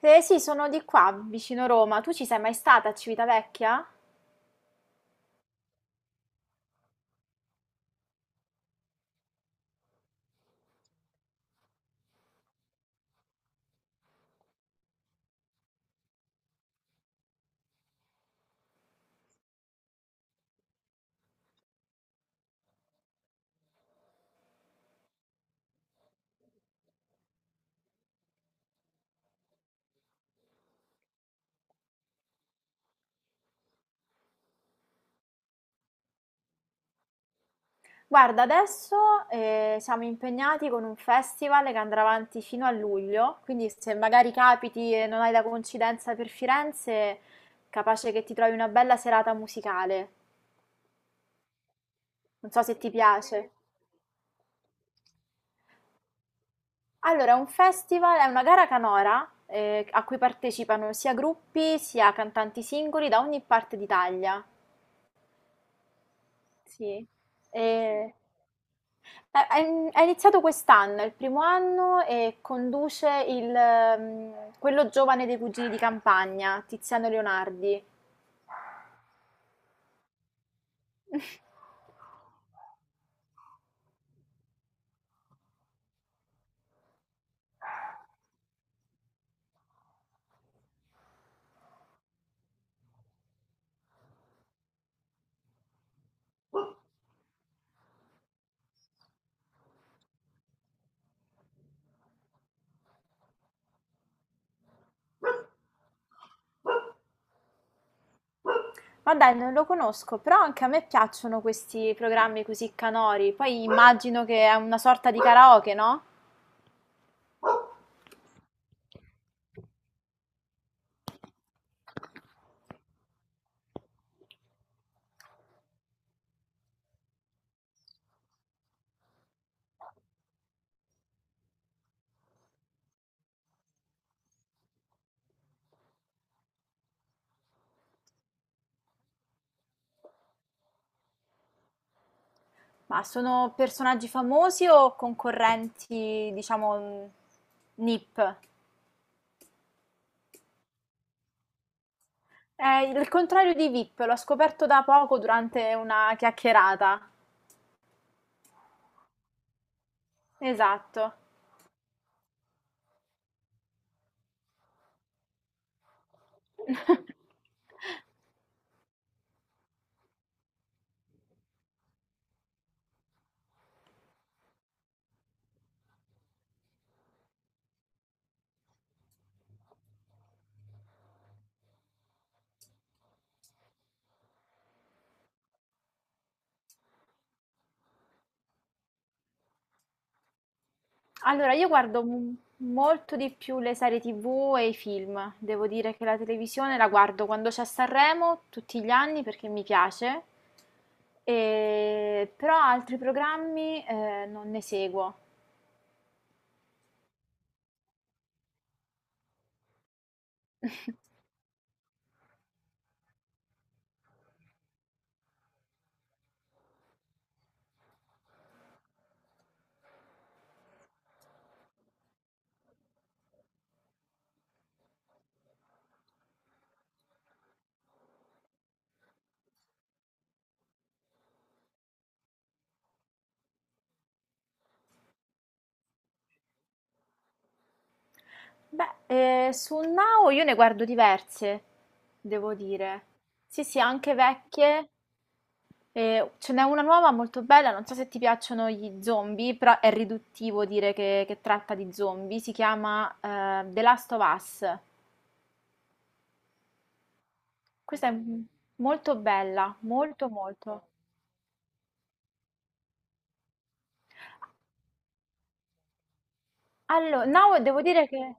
Eh sì, sono di qua, vicino Roma. Tu ci sei mai stata a Civitavecchia? Guarda, adesso siamo impegnati con un festival che andrà avanti fino a luglio, quindi se magari capiti e non hai la coincidenza per Firenze, capace che ti trovi una bella serata musicale. Non so se ti piace. Allora, è un festival, è una gara canora a cui partecipano sia gruppi sia cantanti singoli da ogni parte d'Italia. Sì. E Ha ha in ha iniziato quest'anno, è il primo anno e conduce il, quello giovane dei Cugini di Campagna, Tiziano Leonardi. Ma dai, non lo conosco, però anche a me piacciono questi programmi così canori. Poi immagino che è una sorta di karaoke, no? Ma sono personaggi famosi o concorrenti, diciamo, NIP? È il contrario di VIP, l'ho scoperto da poco durante una chiacchierata. Esatto. Allora, io guardo molto di più le serie TV e i film. Devo dire che la televisione la guardo quando c'è Sanremo, tutti gli anni perché mi piace, però altri programmi non ne seguo. Beh, su Now io ne guardo diverse, devo dire. Sì, sì, anche vecchie. Ce n'è una nuova molto bella, non so se ti piacciono gli zombie, però è riduttivo dire che tratta di zombie. Si chiama The Last of Us. Questa è molto bella, molto molto. Allora, Now devo dire che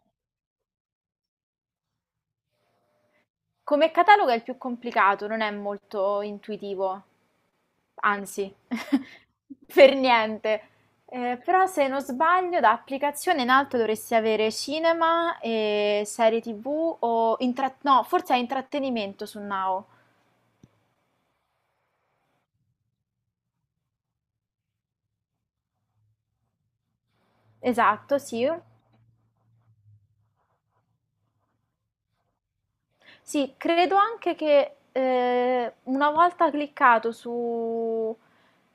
come catalogo è il più complicato, non è molto intuitivo. Anzi, per niente. Però se non sbaglio, da applicazione in alto dovresti avere cinema e serie TV o no, forse è intrattenimento su Now. Esatto, sì. Sì, credo anche che una volta cliccato su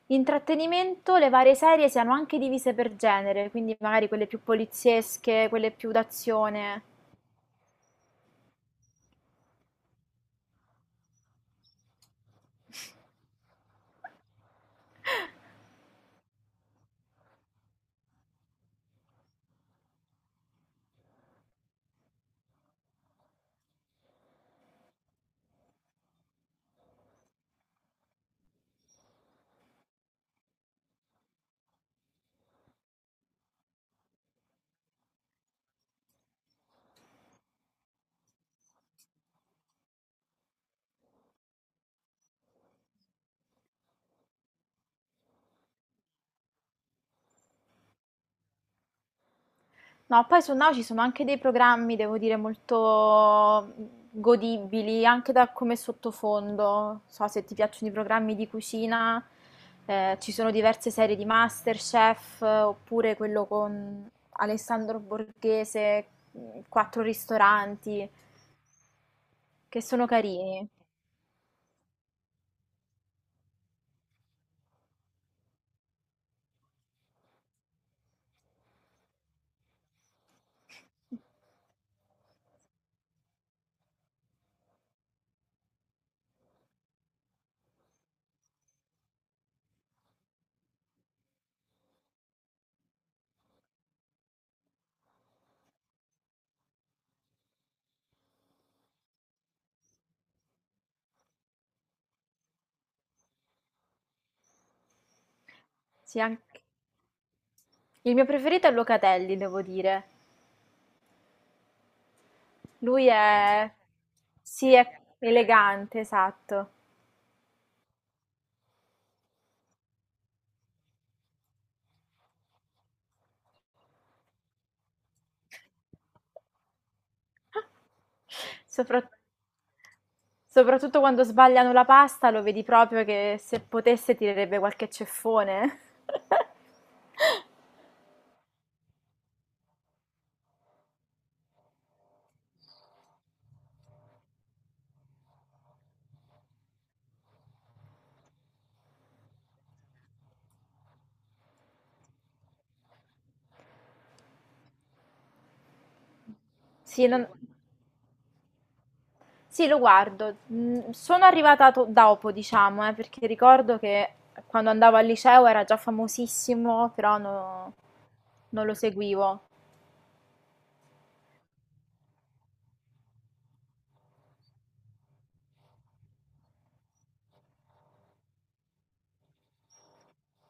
intrattenimento, le varie serie siano anche divise per genere, quindi magari quelle più poliziesche, quelle più d'azione. No, poi su Now ci sono anche dei programmi, devo dire, molto godibili, anche da come sottofondo. Non so se ti piacciono i programmi di cucina, ci sono diverse serie di MasterChef, oppure quello con Alessandro Borghese, Quattro ristoranti, che sono carini. Sì, anche- Il mio preferito è Locatelli, devo dire. Lui è... Sì, è elegante, esatto. Soprat soprattutto quando sbagliano la pasta lo vedi proprio che se potesse tirerebbe qualche ceffone. Sì, non- sì, lo guardo. Mm, sono arrivata dopo, diciamo, perché ricordo che quando andavo al liceo era già famosissimo, però no- non lo seguivo.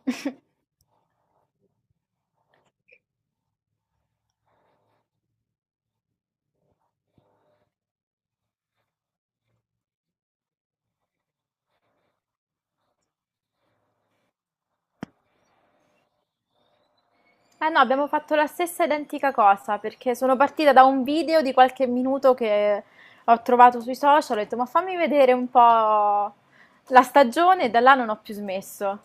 Eh no, abbiamo fatto la stessa identica cosa perché sono partita da un video di qualche minuto che ho trovato sui social, ho detto ma fammi vedere un po' la stagione e da là non ho più smesso.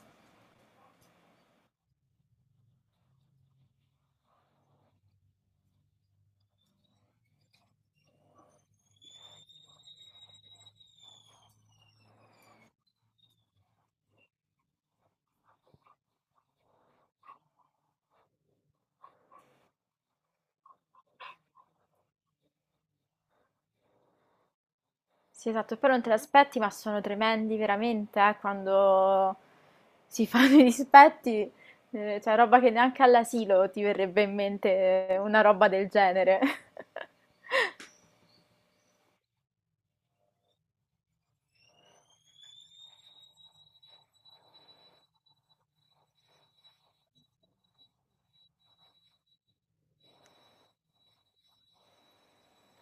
Sì, esatto, poi non te l'aspetti, ma sono tremendi veramente, quando si fanno i dispetti, cioè roba che neanche all'asilo ti verrebbe in mente una roba del genere.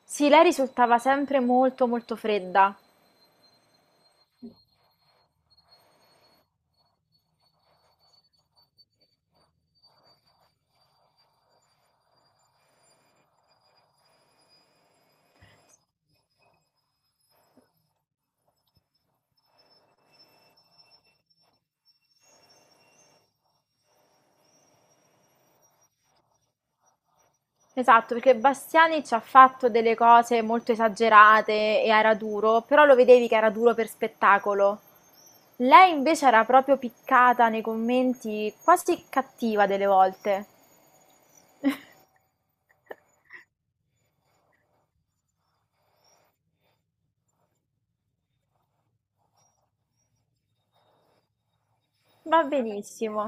Sì, lei risultava sempre molto molto fredda. Esatto, perché Bastiani ci ha fatto delle cose molto esagerate e era duro, però lo vedevi che era duro per spettacolo. Lei invece era proprio piccata nei commenti, quasi cattiva delle volte. Va benissimo.